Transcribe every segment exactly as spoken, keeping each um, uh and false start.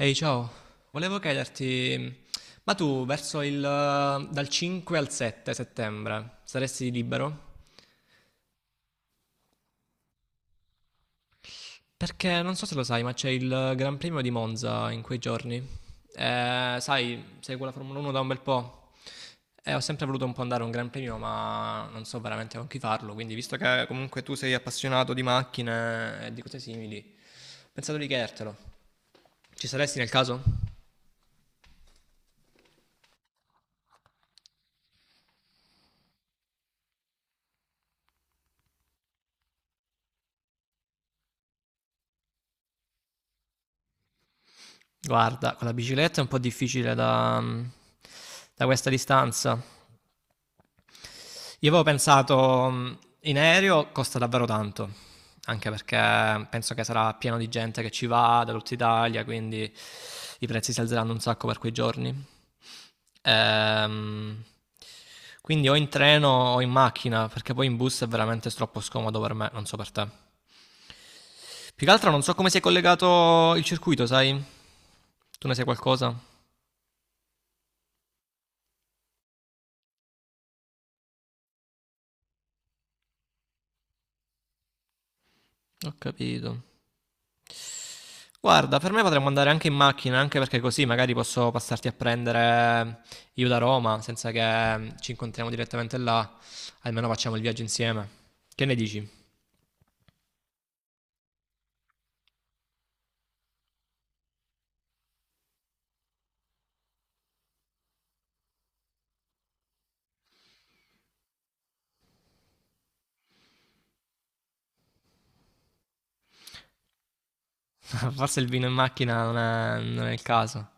Ehi, ciao. Volevo chiederti, ma tu verso il, eh, dal cinque al sette settembre saresti libero? Perché non so se lo sai, ma c'è il Gran Premio di Monza in quei giorni. Eh, sai, seguo la Formula uno da un bel po' e ho sempre voluto un po' andare a un Gran Premio, ma non so veramente con chi farlo. Quindi, visto che comunque tu sei appassionato di macchine e di cose simili, ho pensato di chiedertelo. Ci saresti nel caso? Guarda, con la bicicletta è un po' difficile da, da questa distanza. Io avevo pensato mm, in aereo costa davvero tanto, anche perché penso che sarà pieno di gente che ci va da tutta Italia, quindi i prezzi si alzeranno un sacco per quei giorni. Ehm, quindi o in treno o in macchina, perché poi in bus è veramente troppo scomodo per me, non so per te. Più che altro non so come si è collegato il circuito, sai? Tu ne sai qualcosa? Ho capito. Guarda, per me potremmo andare anche in macchina, anche perché così magari posso passarti a prendere io da Roma, senza che ci incontriamo direttamente là, almeno facciamo il viaggio insieme. Che ne dici? Forse il vino in macchina non è, non è il caso.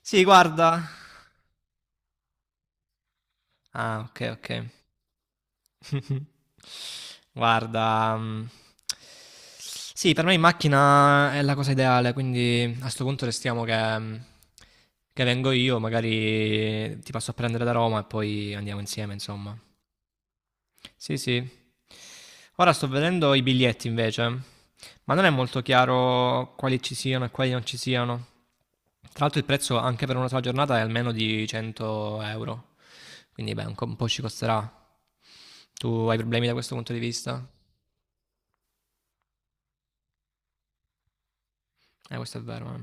Sì, guarda. Ah, ok, ok. Guarda, mhmm, sì, per me in macchina è la cosa ideale, quindi a sto punto restiamo che mhmm, che vengo io, magari ti passo a prendere da Roma e poi andiamo insieme, insomma. Sì, sì. Ora sto vedendo i biglietti invece, ma non è molto chiaro quali ci siano e quali non ci siano. Tra l'altro il prezzo anche per una sola giornata è almeno di cento euro, quindi beh, un co- un po' ci costerà. Tu hai problemi da questo punto di vista? Eh, questo è vero. eh.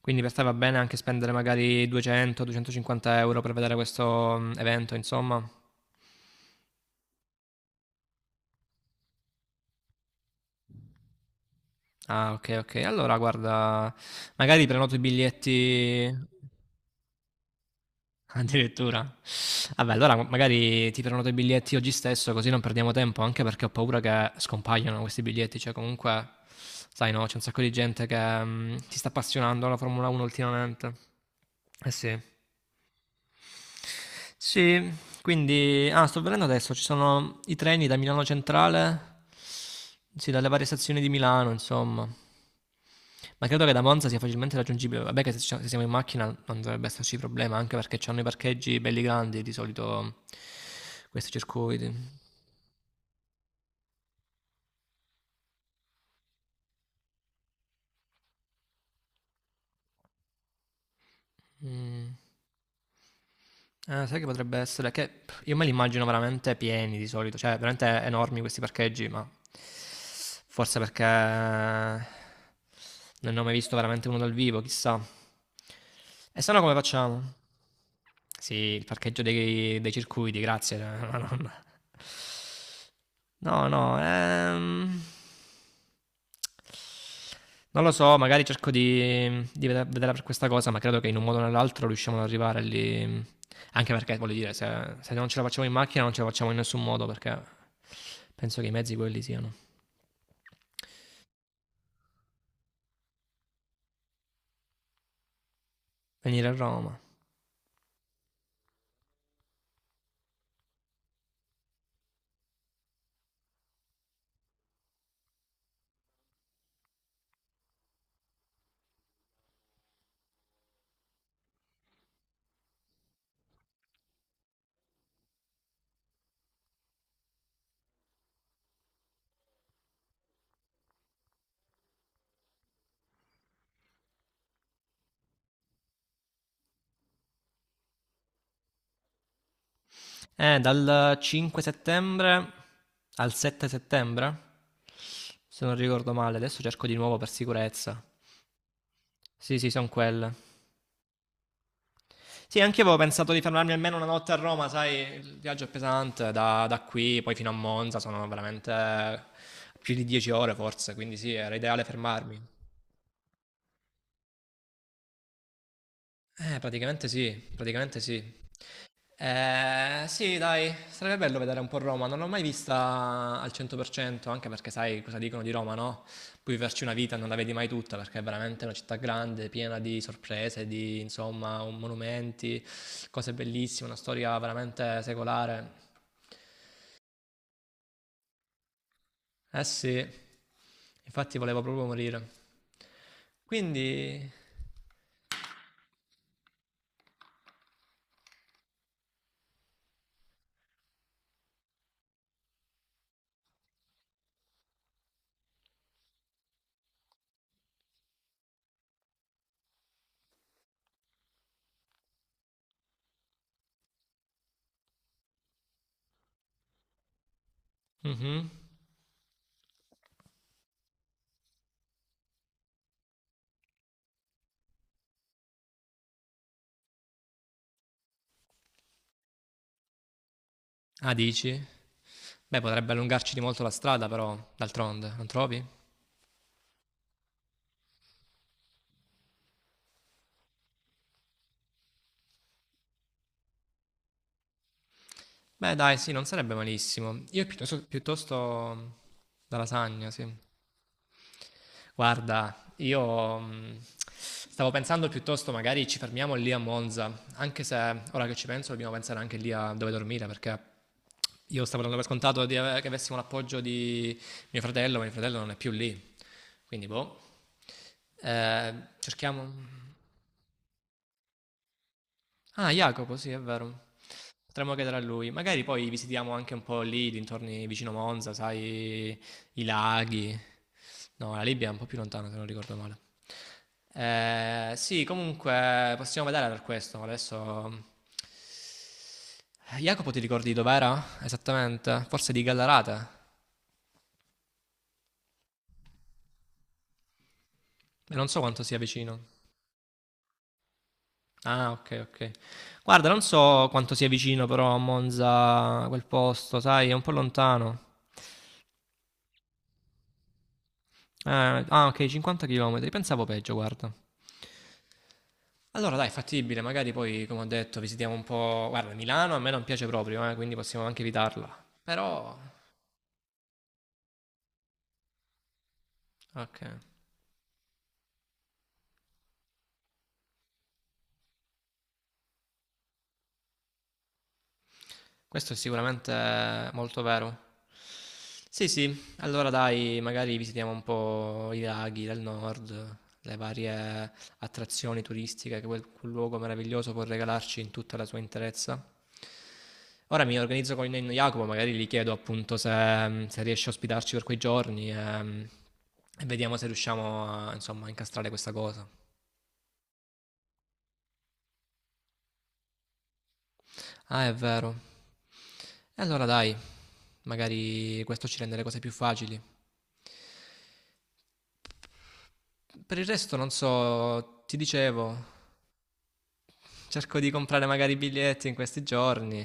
Quindi per te va bene anche spendere magari duecento-duecentocinquanta euro per vedere questo mm, evento, insomma. Ah, ok, ok. Allora, guarda, magari prenoto i biglietti. Addirittura? Vabbè, allora ma- magari ti prenoto i biglietti oggi stesso, così non perdiamo tempo, anche perché ho paura che scompaiano questi biglietti, cioè comunque, sai no, c'è un sacco di gente che mm, si sta appassionando alla Formula uno ultimamente. Eh sì. Sì, quindi. Ah, sto vedendo adesso, ci sono i treni da Milano Centrale, sì, dalle varie stazioni di Milano, insomma. Ma credo che da Monza sia facilmente raggiungibile. Vabbè che se, ci- se siamo in macchina non dovrebbe esserci problema, anche perché c'hanno i parcheggi belli grandi di solito questi circuiti. Mm. Eh, sai che potrebbe essere? Che pff, io me li immagino veramente pieni di solito, cioè veramente enormi questi parcheggi, ma forse perché non ne ho mai visto veramente uno dal vivo, chissà. E se no come facciamo? Sì, il parcheggio dei, dei circuiti, grazie, eh, ma non, No, no, ehm... Non lo so, magari cerco di, di vede- vederla per questa cosa, ma credo che in un modo o nell'altro riusciamo ad arrivare lì. Anche perché, voglio dire, se, se non ce la facciamo in macchina non ce la facciamo in nessun modo, perché penso che i mezzi quelli siano. Venire a Roma. Eh, dal cinque settembre al sette settembre, se non ricordo male, adesso cerco di nuovo per sicurezza. Sì, sì, sono quelle. Sì, anche io avevo pensato di fermarmi almeno una notte a Roma, sai, il viaggio è pesante da, da qui poi fino a Monza, sono veramente più di 10 ore forse, quindi sì, era ideale fermarmi. Eh, praticamente sì, praticamente sì. Eh, sì, dai, sarebbe bello vedere un po' Roma, non l'ho mai vista al cento per cento, anche perché sai cosa dicono di Roma, no? Puoi viverci una vita e non la vedi mai tutta, perché è veramente una città grande, piena di sorprese, di insomma monumenti, cose bellissime, una storia veramente secolare. Eh sì, infatti voleva proprio morire. Quindi. Mhm. Ah, dici? Beh, potrebbe allungarci di molto la strada, però, d'altronde, non trovi? Beh, dai, sì, non sarebbe malissimo. Io piuttosto, piuttosto la lasagna, sì. Guarda, io mh, stavo pensando piuttosto magari ci fermiamo lì a Monza, anche se ora che ci penso dobbiamo pensare anche lì a dove dormire, perché io stavo dando per scontato di ave- che avessimo l'appoggio di mio fratello, ma mio fratello non è più lì. Quindi, boh. Eh, Cerchiamo. Ah, Jacopo, sì, è vero. Potremmo chiedere a lui. Magari poi visitiamo anche un po' lì, dintorni vicino Monza, sai, i laghi. No, la Libia è un po' più lontana, se non ricordo male. Eh, sì, comunque possiamo vedere per questo. Adesso. Jacopo, ti ricordi dov'era? Esattamente? Forse di Gallarate? Non so quanto sia vicino. Ah, ok, ok. Guarda, non so quanto sia vicino però a Monza quel posto, sai, è un po' lontano. Eh, ah, ok, cinquanta chilometri. Pensavo peggio, guarda. Allora, dai, fattibile, magari poi, come ho detto, visitiamo un po'. Guarda, Milano a me non piace proprio, eh, quindi possiamo anche evitarla. Però, ok. Questo è sicuramente molto vero. Sì, sì, allora dai, magari visitiamo un po' i laghi del nord, le varie attrazioni turistiche che quel, quel luogo meraviglioso può regalarci in tutta la sua interezza. Ora mi organizzo con il nonno Jacopo, magari gli chiedo appunto se, se riesce a ospitarci per quei giorni ehm, e vediamo se riusciamo a, insomma, a incastrare questa cosa. Ah, è vero. E allora dai, magari questo ci rende le cose più facili. Per il resto non so, ti dicevo, cerco di comprare magari i biglietti in questi giorni.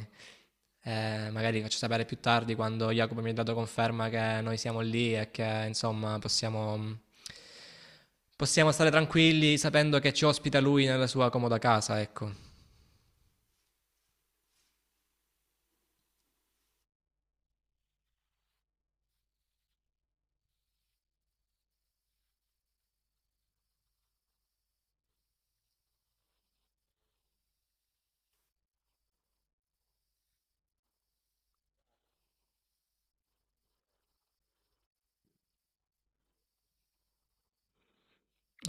eh, magari faccio sapere più tardi quando Jacopo mi ha dato conferma che noi siamo lì e che insomma possiamo, possiamo stare tranquilli sapendo che ci ospita lui nella sua comoda casa, ecco,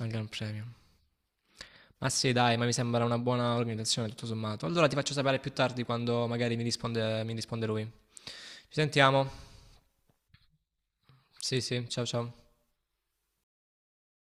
al Gran Premio. Ma sì, dai, ma mi sembra una buona organizzazione tutto sommato. Allora ti faccio sapere più tardi quando magari mi risponde, mi risponde lui. Ci sentiamo. Sì, sì, ciao ciao.